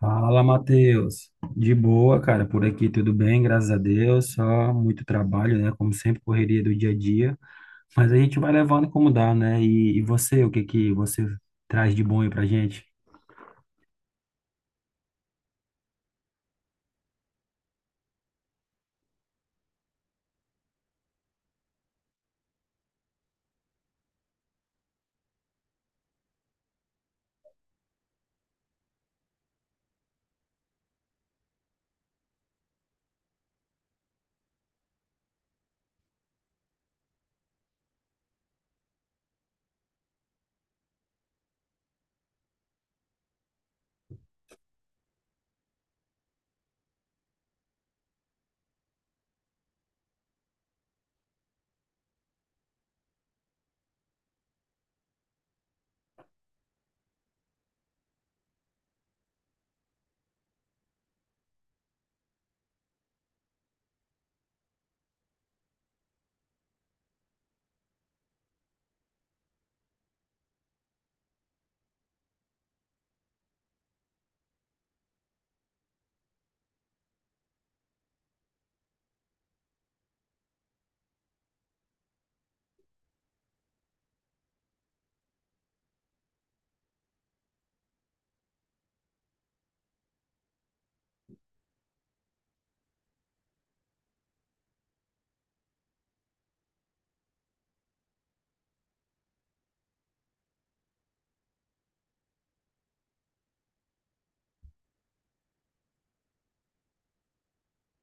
Fala, Matheus. De boa, cara, por aqui tudo bem, graças a Deus. Só muito trabalho, né? Como sempre, correria do dia a dia. Mas a gente vai levando como dá, né? E você, o que que você traz de bom aí pra gente?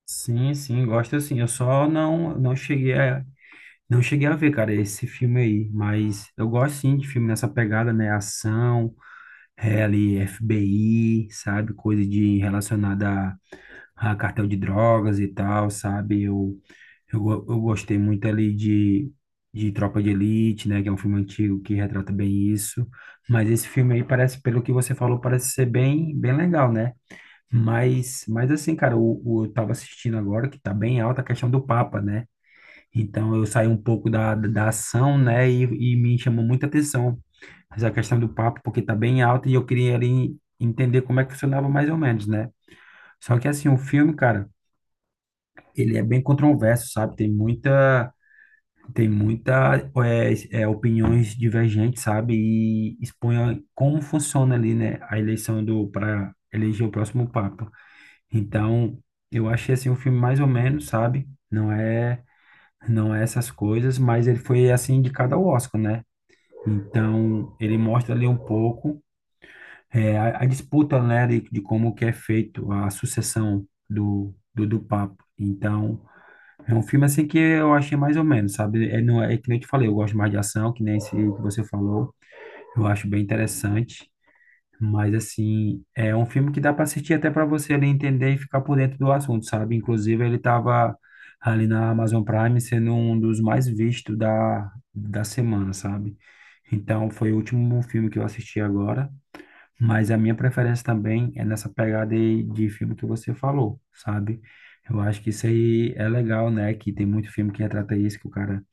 Sim, sim, gosto sim. Eu só não cheguei a não cheguei a ver, cara, esse filme aí, mas eu gosto sim de filme nessa pegada, né? Ação, ali FBI, sabe? Coisa de relacionada a cartel de drogas e tal, sabe? Eu gostei muito ali de Tropa de Elite, né? Que é um filme antigo que retrata bem isso. Mas esse filme aí parece, pelo que você falou, parece ser bem, bem legal, né? Mas assim, cara, eu tava assistindo agora que tá bem alta a questão do Papa, né? Então eu saí um pouco da ação, né? E e me chamou muita atenção. Mas a questão do Papa, porque tá bem alta e eu queria ali entender como é que funcionava mais ou menos, né? Só que assim, o filme, cara, ele é bem controverso, sabe? Tem muita. Tem muita opiniões divergentes, sabe? E expõe como funciona ali, né, a eleição do para eleger o próximo papa. Então, eu achei assim um filme mais ou menos, sabe? Não é essas coisas, mas ele foi assim indicado ao Oscar, né? Então, ele mostra ali um pouco a disputa, né, de como que é feito a sucessão do papa. Então, é um filme assim que eu achei mais ou menos, sabe? É é que nem eu te falei, eu gosto mais de ação, que nem esse que você falou. Eu acho bem interessante. Mas, assim, é um filme que dá para assistir até para você ali entender e ficar por dentro do assunto, sabe? Inclusive, ele estava ali na Amazon Prime sendo um dos mais vistos da semana, sabe? Então, foi o último filme que eu assisti agora. Mas a minha preferência também é nessa pegada aí de filme que você falou, sabe? Eu acho que isso aí é legal, né? Que tem muito filme que retrata isso, que o cara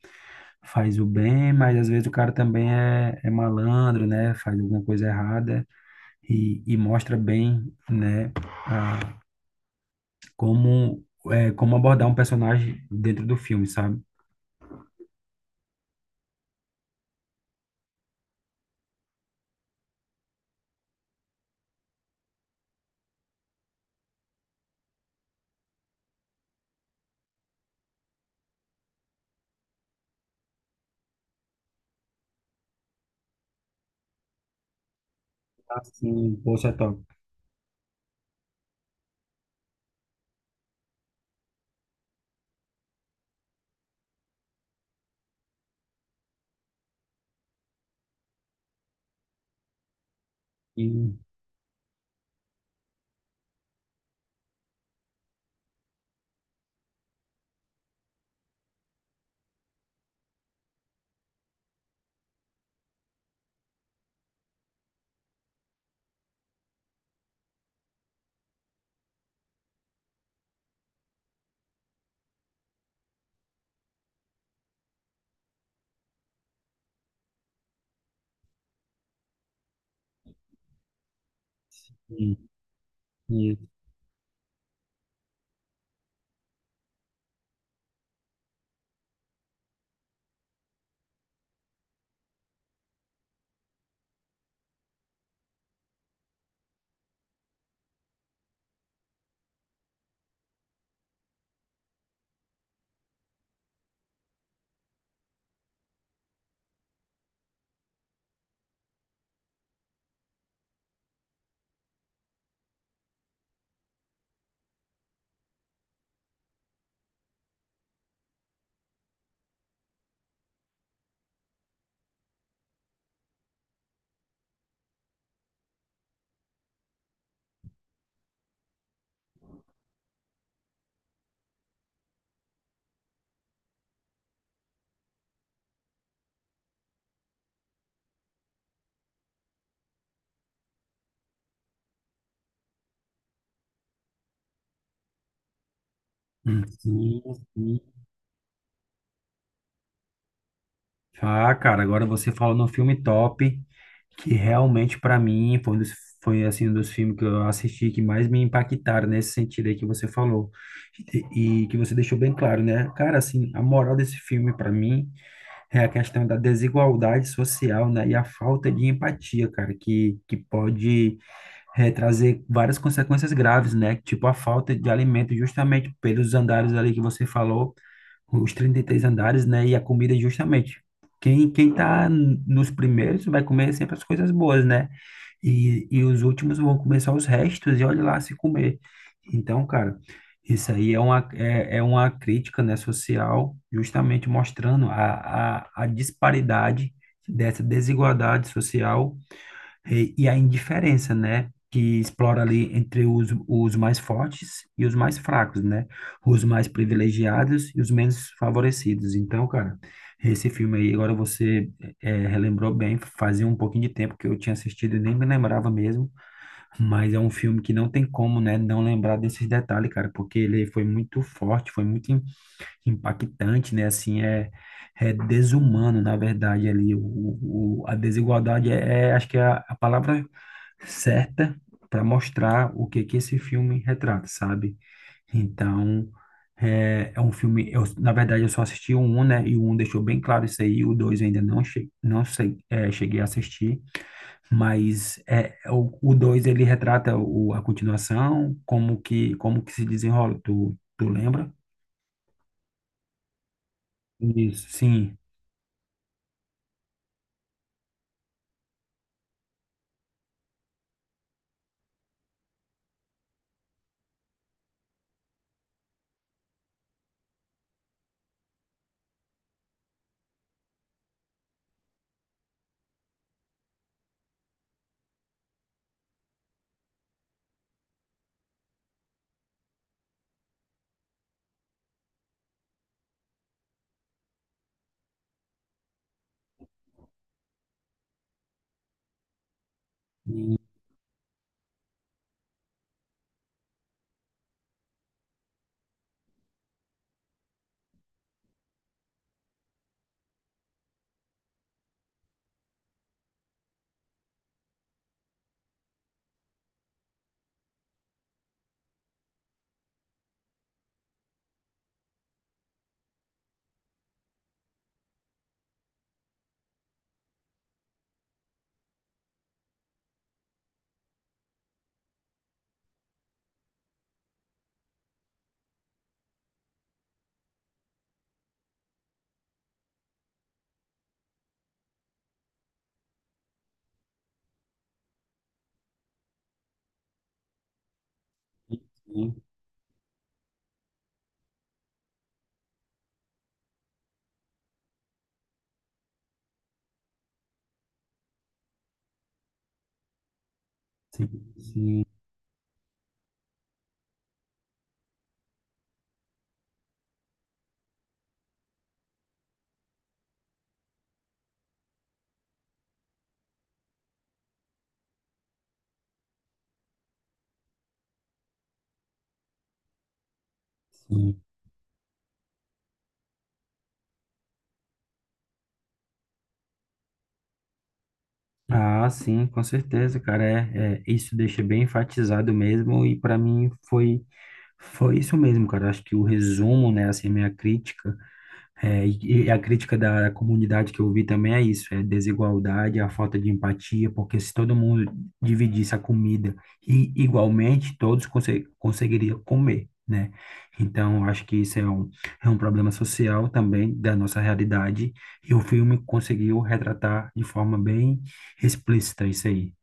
faz o bem, mas às vezes o cara também é malandro, né? Faz alguma coisa errada e mostra bem, né? a- como, Como abordar um personagem dentro do filme, sabe? Assim, poxa, é top. Sim, sim, sim, sim, sim. Ah, cara, agora você falou num filme top, que realmente pra mim foi, um dos, foi assim, um dos filmes que eu assisti que mais me impactaram nesse sentido aí que você falou. E que você deixou bem claro, né? Cara, assim, a moral desse filme pra mim é a questão da desigualdade social, né? E a falta de empatia, cara, que pode trazer várias consequências graves, né? Tipo a falta de alimento justamente pelos andares ali que você falou os 33 andares, né? E a comida, justamente. Quem tá nos primeiros vai comer sempre as coisas boas, né? E os últimos vão comer só os restos e olha lá se comer. Então, cara, isso aí é é uma crítica, né, social, justamente mostrando a disparidade dessa desigualdade social e a indiferença, né? Que explora ali entre os mais fortes e os mais fracos, né? Os mais privilegiados e os menos favorecidos. Então, cara, esse filme aí, agora você relembrou bem, fazia um pouquinho de tempo que eu tinha assistido e nem me lembrava mesmo, mas é um filme que não tem como, né, não lembrar desses detalhes, cara, porque ele foi muito forte, impactante, né? Assim, é desumano, na verdade, ali. A desigualdade acho que é a palavra certa para mostrar o que que esse filme retrata, sabe? Então, é um filme. Eu, na verdade, eu só assisti o um, né? E o um deixou bem claro isso aí. O dois eu ainda não, che não sei, cheguei a assistir, mas é, o dois ele retrata o, a continuação, como que se desenrola. Tu lembra? Isso, sim. Sim, sim, sim, sim. Ah, sim, com certeza, cara. Isso deixa bem enfatizado mesmo, e para mim foi, foi isso mesmo, cara. Acho que o resumo, né, assim, a minha crítica. E a crítica da comunidade que eu vi também é isso, é desigualdade, a falta de empatia, porque se todo mundo dividisse a comida e igualmente, conseguiriam comer, né? Então, eu acho que isso é um problema social também da nossa realidade, e o filme conseguiu retratar de forma bem explícita isso aí.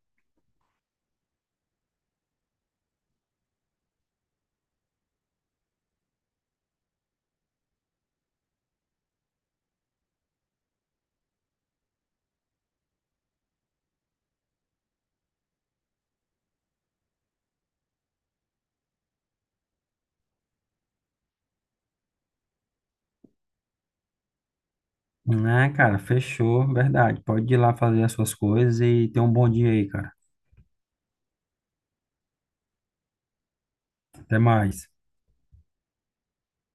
Ah, cara, fechou, verdade. Pode ir lá fazer as suas coisas e ter um bom dia aí, cara. Até mais.